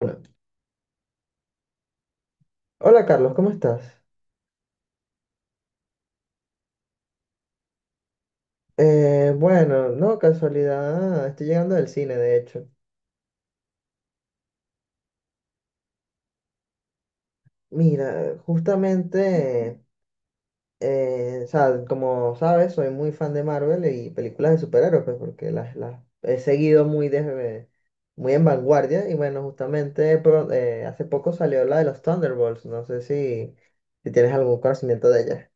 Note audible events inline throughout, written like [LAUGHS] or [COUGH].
Bueno, hola Carlos, ¿cómo estás? Bueno, no, casualidad, estoy llegando del cine, de hecho. Mira, justamente, como sabes, soy muy fan de Marvel y películas de superhéroes, pues, porque las he seguido muy, de, muy en vanguardia. Y bueno, justamente hace poco salió la de los Thunderbolts, no sé si tienes algún conocimiento de ella.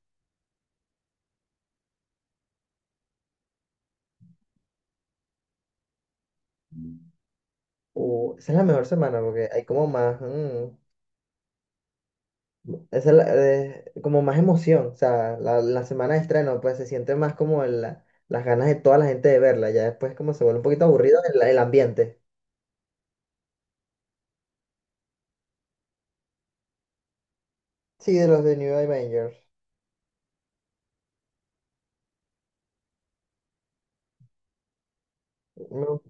Mm. Esa es la mejor semana porque hay como más. Esa es como más emoción, o sea, la semana de estreno, pues se siente más como las ganas de toda la gente de verla, ya después como se vuelve un poquito aburrido el ambiente. Sí, de los de New Avengers. No,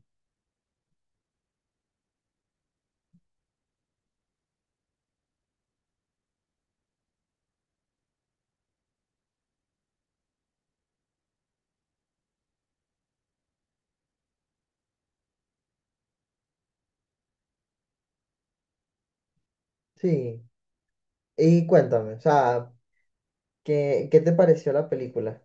sí, y cuéntame, o sea, ¿qué te pareció la película?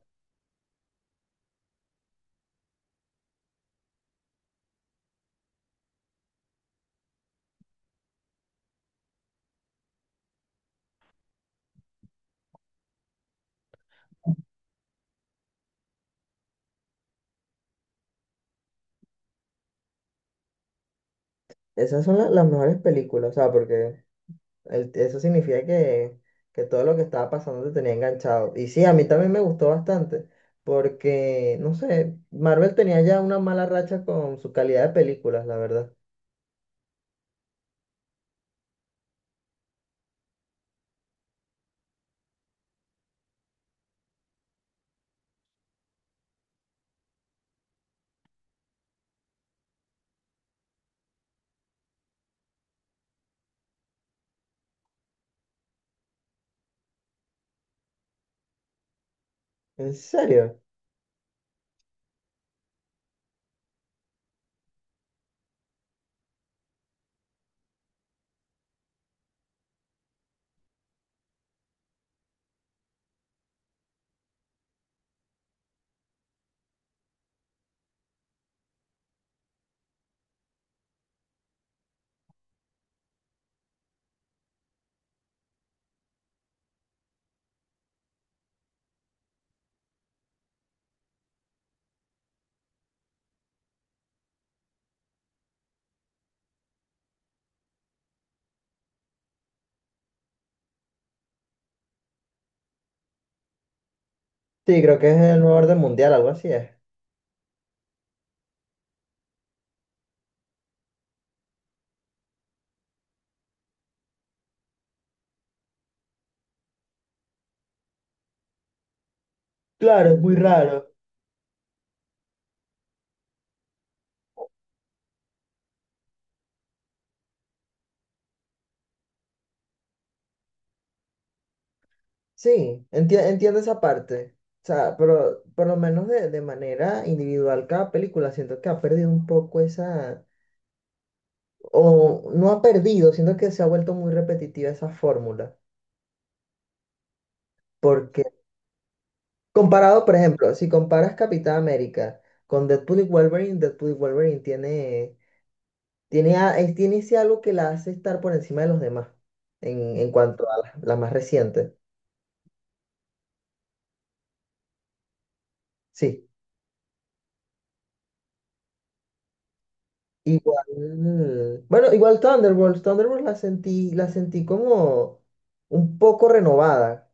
Esas son las mejores películas, o sea, porque eso significa que todo lo que estaba pasando te tenía enganchado. Y sí, a mí también me gustó bastante, porque, no sé, Marvel tenía ya una mala racha con su calidad de películas, la verdad. ¿En serio? Sí, creo que es el nuevo orden mundial, algo así es. Claro, es muy raro. Sí, entiendo esa parte. O sea, pero por lo menos de manera individual cada película siento que ha perdido un poco esa, o no ha perdido, siento que se ha vuelto muy repetitiva esa fórmula. Comparado, por ejemplo, si comparas Capitán América con Deadpool y Wolverine tiene, tiene, tiene ese algo que la hace estar por encima de los demás en cuanto a la más reciente. Sí, igual. Bueno, igual Thunderbolts. Thunderbolts la sentí como un poco renovada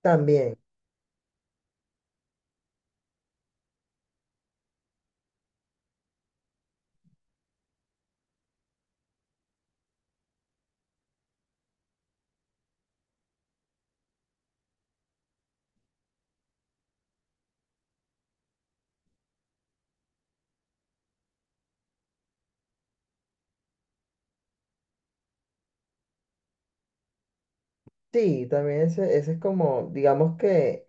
también. Sí, también ese es como, digamos que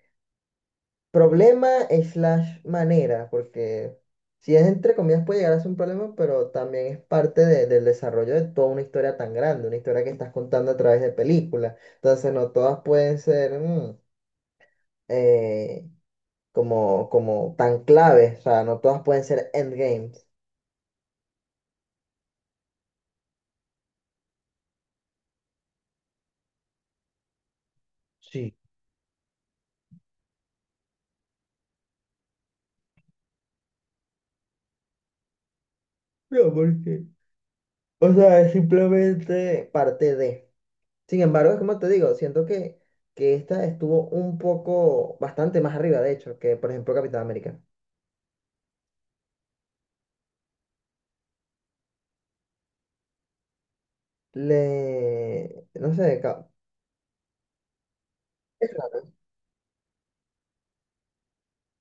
problema slash manera, porque si es entre comillas puede llegar a ser un problema, pero también es parte del desarrollo de toda una historia tan grande, una historia que estás contando a través de películas. Entonces no todas pueden ser eh, como, como tan claves, o sea, no todas pueden ser endgames. Sí. No, porque, o sea, es simplemente parte de. Sin embargo, es como te digo, siento que esta estuvo un poco, bastante más arriba, de hecho, que por ejemplo Capitán América. Le, no sé, ca- Es raro.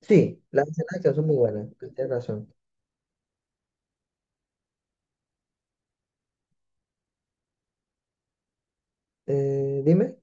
Sí, las escenas de acción son muy buenas, tienes razón. Dime.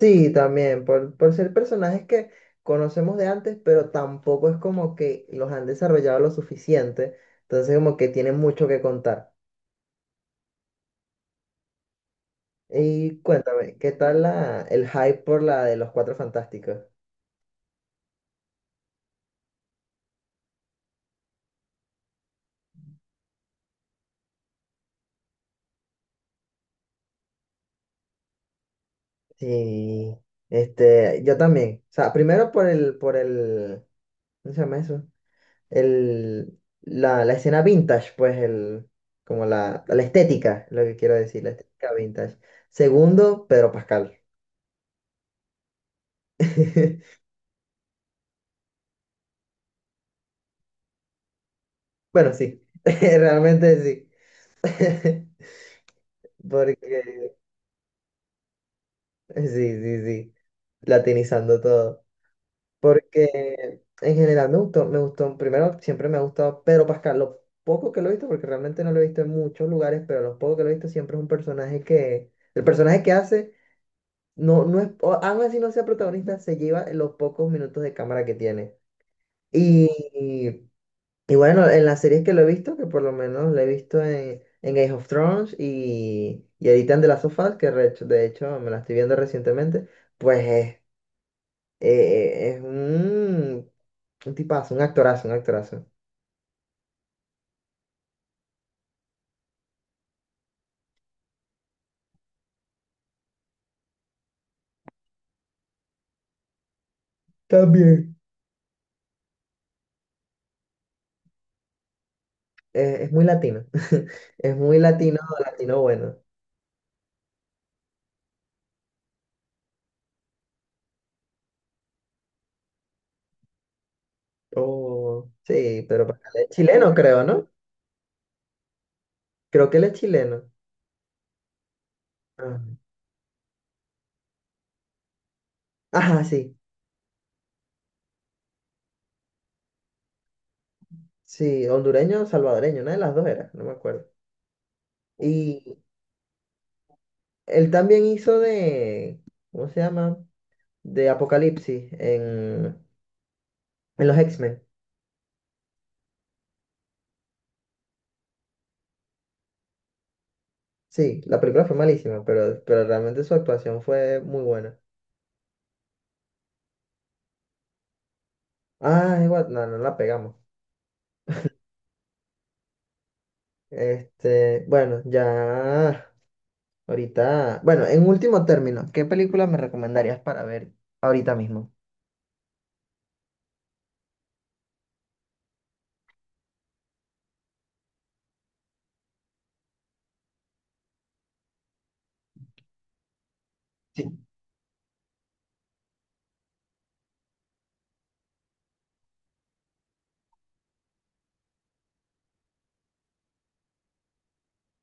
Sí, también, por ser personajes que conocemos de antes, pero tampoco es como que los han desarrollado lo suficiente, entonces como que tienen mucho que contar. Y cuéntame, ¿qué tal la, el hype por la de los Cuatro Fantásticos? Sí, este, yo también. O sea, primero por ¿cómo se llama eso? El, la escena vintage, pues el, como la estética, lo que quiero decir, la estética vintage. Segundo, Pedro Pascal. [LAUGHS] Bueno, sí, [LAUGHS] realmente sí. [LAUGHS] Porque, sí, sí, sí, latinizando todo. Porque en general me gustó, primero siempre me ha gustado Pedro Pascal, lo poco que lo he visto, porque realmente no lo he visto en muchos lugares, pero lo poco que lo he visto siempre es un personaje que, el personaje que hace no, no es, aún así no sea protagonista, se lleva los pocos minutos de cámara que tiene. Y, y, y bueno, en las series que lo he visto, que por lo menos lo he visto en Game of Thrones y ahorita en The Last of Us, que de hecho me la estoy viendo recientemente, pues es un tipazo, un actorazo, un actorazo. También. Es muy latino, [LAUGHS] es muy latino, latino bueno. Oh, sí, pero Pascal es chileno creo, ¿no? Creo que él es chileno. Ajá, sí, sí, hondureño o salvadoreño, una de las dos era, no me acuerdo. Y él también hizo de, ¿cómo se llama? De Apocalipsis en los X-Men. Sí, la película fue malísima, pero realmente su actuación fue muy buena. Ah, igual, no, no la pegamos. Este, bueno, ya ahorita, bueno, en último término, ¿qué película me recomendarías para ver ahorita mismo? Sí.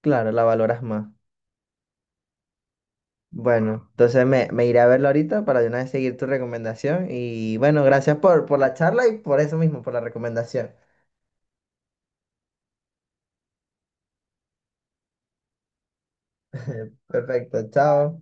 Claro, la valoras más. Bueno, entonces me iré a verlo ahorita para de una vez seguir tu recomendación. Y bueno, gracias por la charla y por eso mismo, por la recomendación. Perfecto, chao.